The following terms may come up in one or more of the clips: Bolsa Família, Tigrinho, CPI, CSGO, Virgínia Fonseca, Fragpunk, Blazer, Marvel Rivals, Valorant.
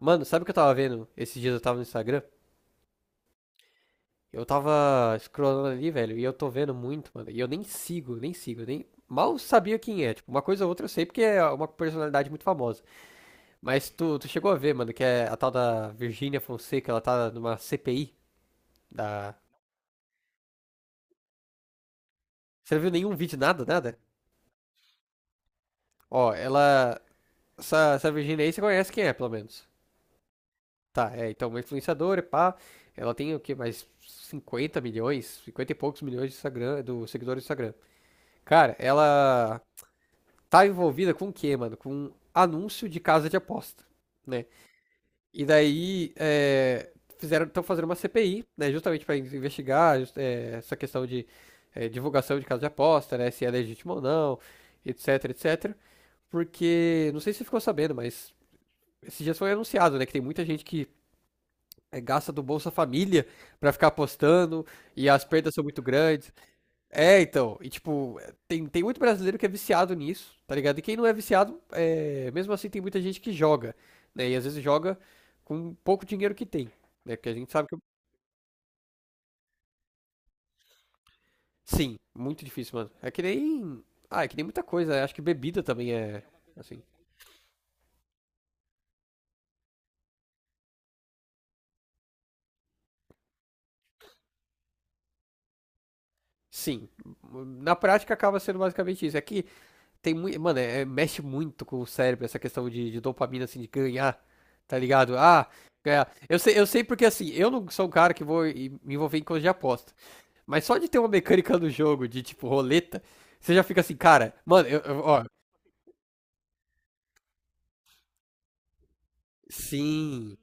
Mano, sabe o que eu tava vendo? Esses dias eu tava no Instagram. Eu tava scrollando ali, velho, e eu tô vendo muito, mano. E eu nem sigo, nem sigo, nem. Mal sabia quem é. Tipo, uma coisa ou outra eu sei porque é uma personalidade muito famosa. Mas tu chegou a ver, mano, que é a tal da Virgínia Fonseca, ela tá numa CPI da. Você não viu nenhum vídeo, nada, nada? Ó, ela. Essa Virgínia aí você conhece quem é, pelo menos. Tá, é, então, uma influenciadora, pá. Ela tem o quê? Mais 50 milhões, 50 e poucos milhões de Instagram, do seguidores do Instagram. Cara, ela tá envolvida com o quê, mano? Com anúncio de casa de aposta, né? E daí é, fizeram, estão fazendo uma CPI, né? Justamente para investigar essa questão de é, divulgação de casa de aposta, né? Se é legítimo ou não, etc, etc. Porque, não sei se você ficou sabendo, mas esses dias foi anunciado, né? Que tem muita gente que é, gasta do Bolsa Família para ficar apostando e as perdas são muito grandes. É, então, e tipo, tem muito brasileiro que é viciado nisso, tá ligado? E quem não é viciado, é, mesmo assim tem muita gente que joga, né? E às vezes joga com pouco dinheiro que tem, né? Porque a gente sabe que. Sim, muito difícil, mano. É que nem. Ah, é que nem muita coisa, né? Acho que bebida também é. Assim. Sim. Na prática acaba sendo basicamente isso. É que tem muito. Mano, mexe muito com o cérebro essa questão de dopamina, assim, de ganhar, tá ligado? Ah, ganhar. Eu sei porque, assim, eu não sou um cara que vou me envolver em coisa de aposta. Mas só de ter uma mecânica no jogo de, tipo, roleta, você já fica assim, cara, mano, ó, sim.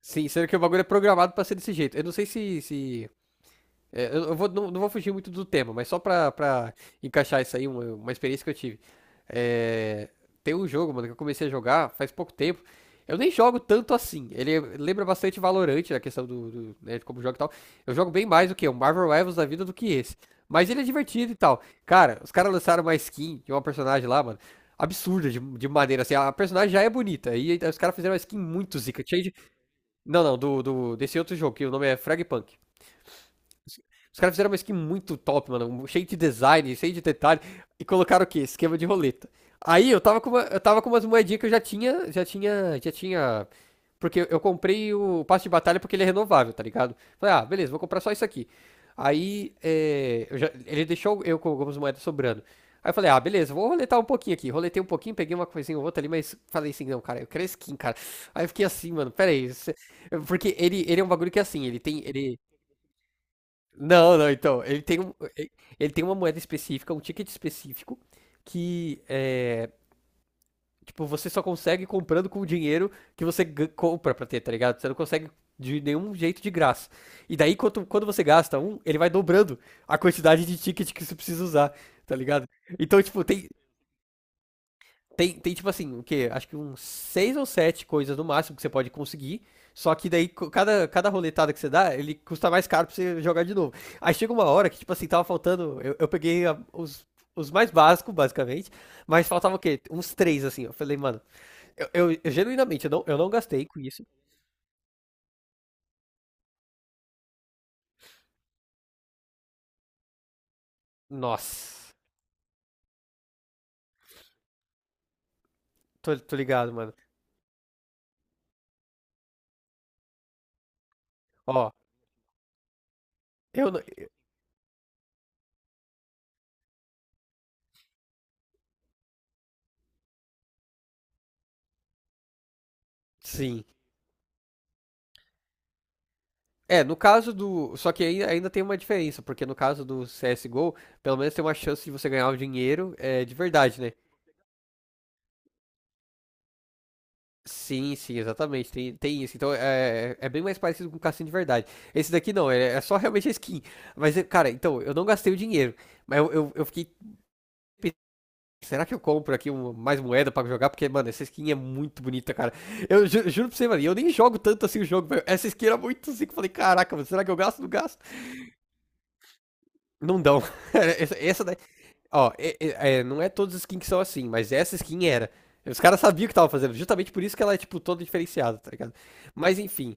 Sim, sendo que o bagulho é programado pra ser desse jeito. Eu não sei se é, eu vou, não, não vou fugir muito do tema, mas só pra, pra encaixar isso aí, uma experiência que eu tive. É, tem um jogo, mano, que eu comecei a jogar faz pouco tempo. Eu nem jogo tanto assim. Ele lembra bastante Valorant, a questão do, do né, de como joga e tal. Eu jogo bem mais do que o Marvel Rivals da vida do que esse. Mas ele é divertido e tal. Cara, os caras lançaram uma skin de uma personagem lá, mano. Absurda de maneira assim. A personagem já é bonita. E aí os caras fizeram uma skin muito zica. Cheia de... Não, não, desse outro jogo, que o nome é Fragpunk. Os caras fizeram uma skin muito top, mano. Um cheio de design, cheio de detalhe. E colocaram o quê? Esquema de roleta. Aí eu tava com, eu tava com umas moedinhas que eu já tinha. Já tinha. Já tinha. Porque eu comprei o passe de batalha porque ele é renovável, tá ligado? Falei, ah, beleza, vou comprar só isso aqui. Aí é, ele deixou eu com algumas moedas sobrando. Aí eu falei, ah, beleza, vou roletar um pouquinho aqui. Roletei um pouquinho, peguei uma coisinha ou outra ali, mas falei assim, não, cara, eu quero skin, cara. Aí eu fiquei assim, mano, pera aí. Isso- porque ele é um bagulho que é assim, ele tem. Ele, não, não, então, ele tem, ele tem uma moeda específica, um ticket específico, que é, tipo, você só consegue comprando com o dinheiro que você gan- compra pra ter, tá ligado? Você não consegue de nenhum jeito de graça. E daí, quando você gasta um, ele vai dobrando a quantidade de ticket que você precisa usar, tá ligado? Então, tipo, tem tipo assim, o quê? Acho que uns seis ou sete coisas no máximo que você pode conseguir. Só que daí, cada roletada que você dá, ele custa mais caro pra você jogar de novo. Aí chega uma hora que, tipo assim, tava faltando. Eu peguei os mais básicos, basicamente. Mas faltava o quê? Uns três, assim. Eu falei, mano, eu genuinamente, eu não gastei com isso. Nossa, tô ligado, mano. Ó, eu. Não- sim. É, no caso do. Só que aí ainda tem uma diferença, porque no caso do CSGO, pelo menos tem uma chance de você ganhar o dinheiro é, de verdade, né? Sim, sim, exatamente. Tem isso. Então é, é bem mais parecido com o cassino de verdade. Esse daqui não, é, é só realmente a skin. Mas, é, cara, então, eu não gastei o dinheiro. Mas eu fiquei pensando, será que eu compro mais moeda pra jogar? Porque, mano, essa skin é muito bonita, cara. Eu juro pra você, mano, e eu nem jogo tanto assim o jogo, velho. Essa skin era muito assim que eu falei, caraca, mano, será que eu gasto? Não gasto. Não dão. Essa daí, ó, não é todas as skins que são assim, mas essa skin era. Os caras sabiam o que tava fazendo, justamente por isso que ela é, tipo, toda diferenciada, tá ligado? Mas enfim.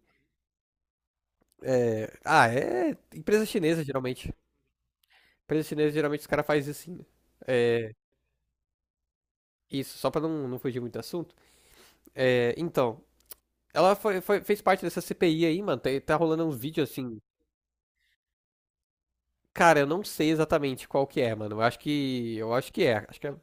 Ah, é. Empresa chinesa, geralmente. Empresa chinesa, geralmente, os caras fazem assim. É, isso, só pra não, não fugir muito do assunto. É, então, ela foi, fez parte dessa CPI aí, mano. Tá, tá rolando uns vídeos assim. Cara, eu não sei exatamente qual que é, mano. Eu acho que. Eu acho que é. Acho que é.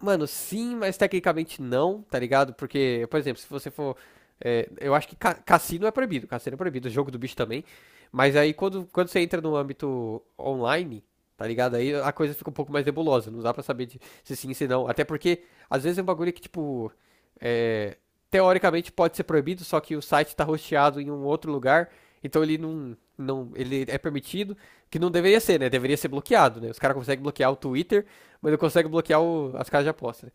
Mano, sim, mas tecnicamente não, tá ligado? Porque, por exemplo, se você for. É, eu acho que cassino é proibido, cassino é proibido, jogo do bicho também. Mas aí quando, quando você entra no âmbito online, tá ligado? Aí a coisa fica um pouco mais nebulosa, não dá pra saber de- se sim, se não. Até porque, às vezes é um bagulho que, tipo. É, teoricamente pode ser proibido, só que o site tá hosteado em um outro lugar, então ele não. Não, ele é permitido, que não deveria ser, né? Deveria ser bloqueado, né? Os caras conseguem bloquear o Twitter, mas ele consegue bloquear o- as casas de aposta, né?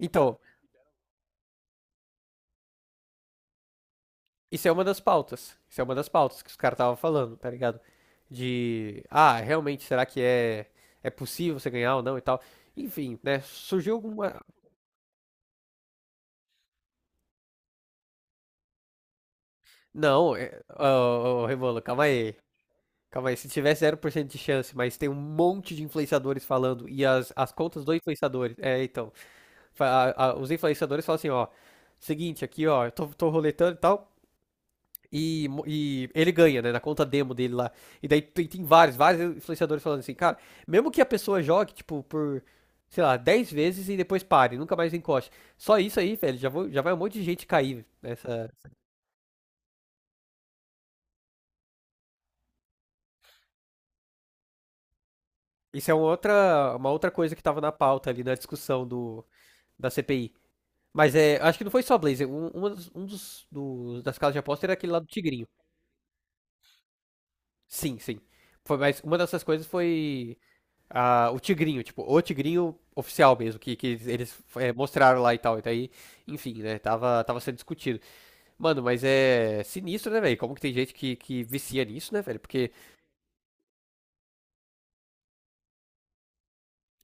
Então, isso é uma das pautas. Isso é uma das pautas que os caras estavam falando, tá ligado? De, ah, realmente, será que é, é possível você ganhar ou não e tal? Enfim, né? Surgiu alguma. Não, é... ô, ô, ô, Rebolo, calma aí. Calma aí. Se tiver 0% de chance, mas tem um monte de influenciadores falando e as contas dos influenciadores. É, então. Os influenciadores falam assim, ó. Seguinte, aqui, ó, eu tô roletando e tal. E ele ganha, né? Na conta demo dele lá. E daí tem vários, vários influenciadores falando assim, cara, mesmo que a pessoa jogue, tipo, por, sei lá, 10 vezes e depois pare, nunca mais encoste. Só isso aí, velho, já, vou, já vai um monte de gente cair nessa. Isso é uma outra coisa que tava na pauta ali na discussão do, da CPI. Mas é, acho que não foi só Blazer. Um, uma dos, um dos, dos- Das casas de aposta era aquele lá do Tigrinho. Sim, sim. Foi, mas uma dessas coisas foi. Ah, o Tigrinho, tipo, o Tigrinho oficial mesmo, que eles é, mostraram lá e tal. E daí, enfim, né? Tava sendo discutido. Mano, mas é sinistro, né, velho? Como que tem gente que vicia nisso, né, velho? Porque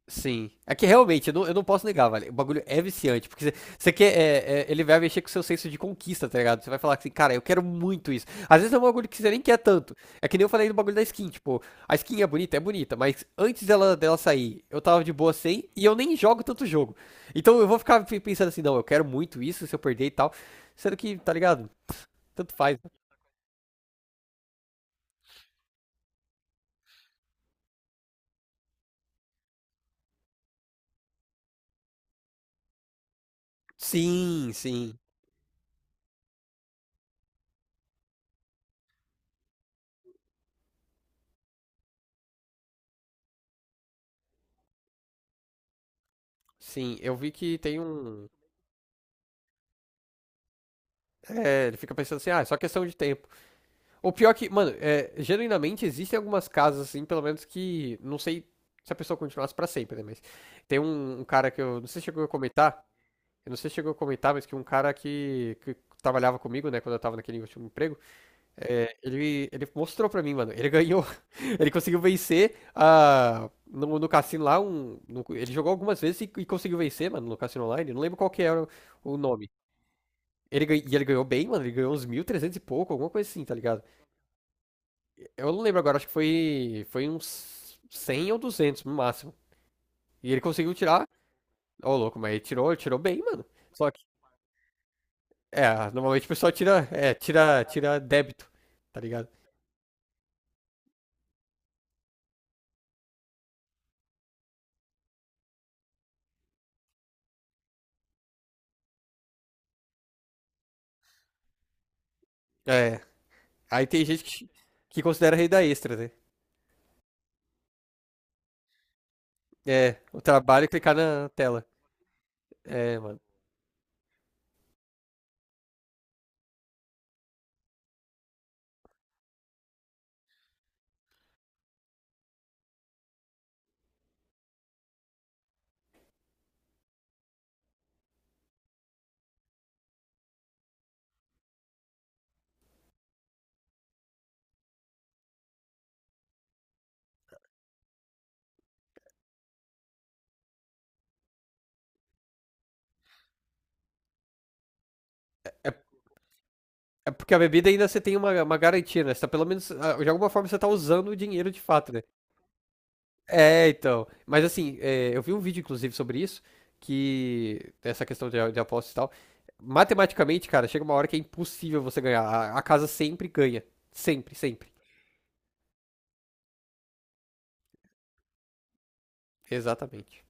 sim. É que realmente, eu não posso negar, velho. O bagulho é viciante, porque você você quer. Ele vai mexer com o seu senso de conquista, tá ligado? Você vai falar assim, cara, eu quero muito isso. Às vezes é um bagulho que você nem quer tanto. É que nem eu falei do bagulho da skin, tipo, a skin é bonita, mas antes dela, dela sair, eu tava de boa sem e eu nem jogo tanto jogo. Então eu vou ficar pensando assim, não, eu quero muito isso, se eu perder e tal. Sendo que, tá ligado? Tanto faz. Sim, sim, sim. Eu vi que tem um. É, ele fica pensando assim, ah, é só questão de tempo. O pior é que, mano, é, genuinamente existem algumas casas, assim, pelo menos que. Não sei se a pessoa continuasse pra sempre, né? Mas tem um cara que eu. Não sei se chegou a comentar. Eu não sei se chegou a comentar, mas que um cara que trabalhava comigo, né? Quando eu tava naquele último emprego. É, ele mostrou pra mim, mano. Ele ganhou. Ele conseguiu vencer a. No cassino lá, um, no- ele jogou algumas vezes e conseguiu vencer, mano, no cassino online. Não lembro qual que era o nome. Ele ganhou bem, mano. Ele ganhou uns 1.300 e pouco, alguma coisa assim, tá ligado? Eu não lembro agora, acho que foi, foi uns 100 ou 200 no máximo. E ele conseguiu tirar. Ô, louco, mas ele tirou bem, mano. Só que, é, normalmente o pessoal tira, é, tira débito, tá ligado? É, aí tem gente que considera renda extra, né? É, o trabalho é clicar na tela. É, mano. É porque a bebida ainda você tem uma garantia, né? Você tá pelo menos, ah, de alguma forma você tá usando o dinheiro de fato, né? É, então. Mas assim, é, eu vi um vídeo, inclusive, sobre isso, que essa questão de apostas e tal. Matematicamente, cara, chega uma hora que é impossível você ganhar. A casa sempre ganha. Sempre, sempre. Exatamente.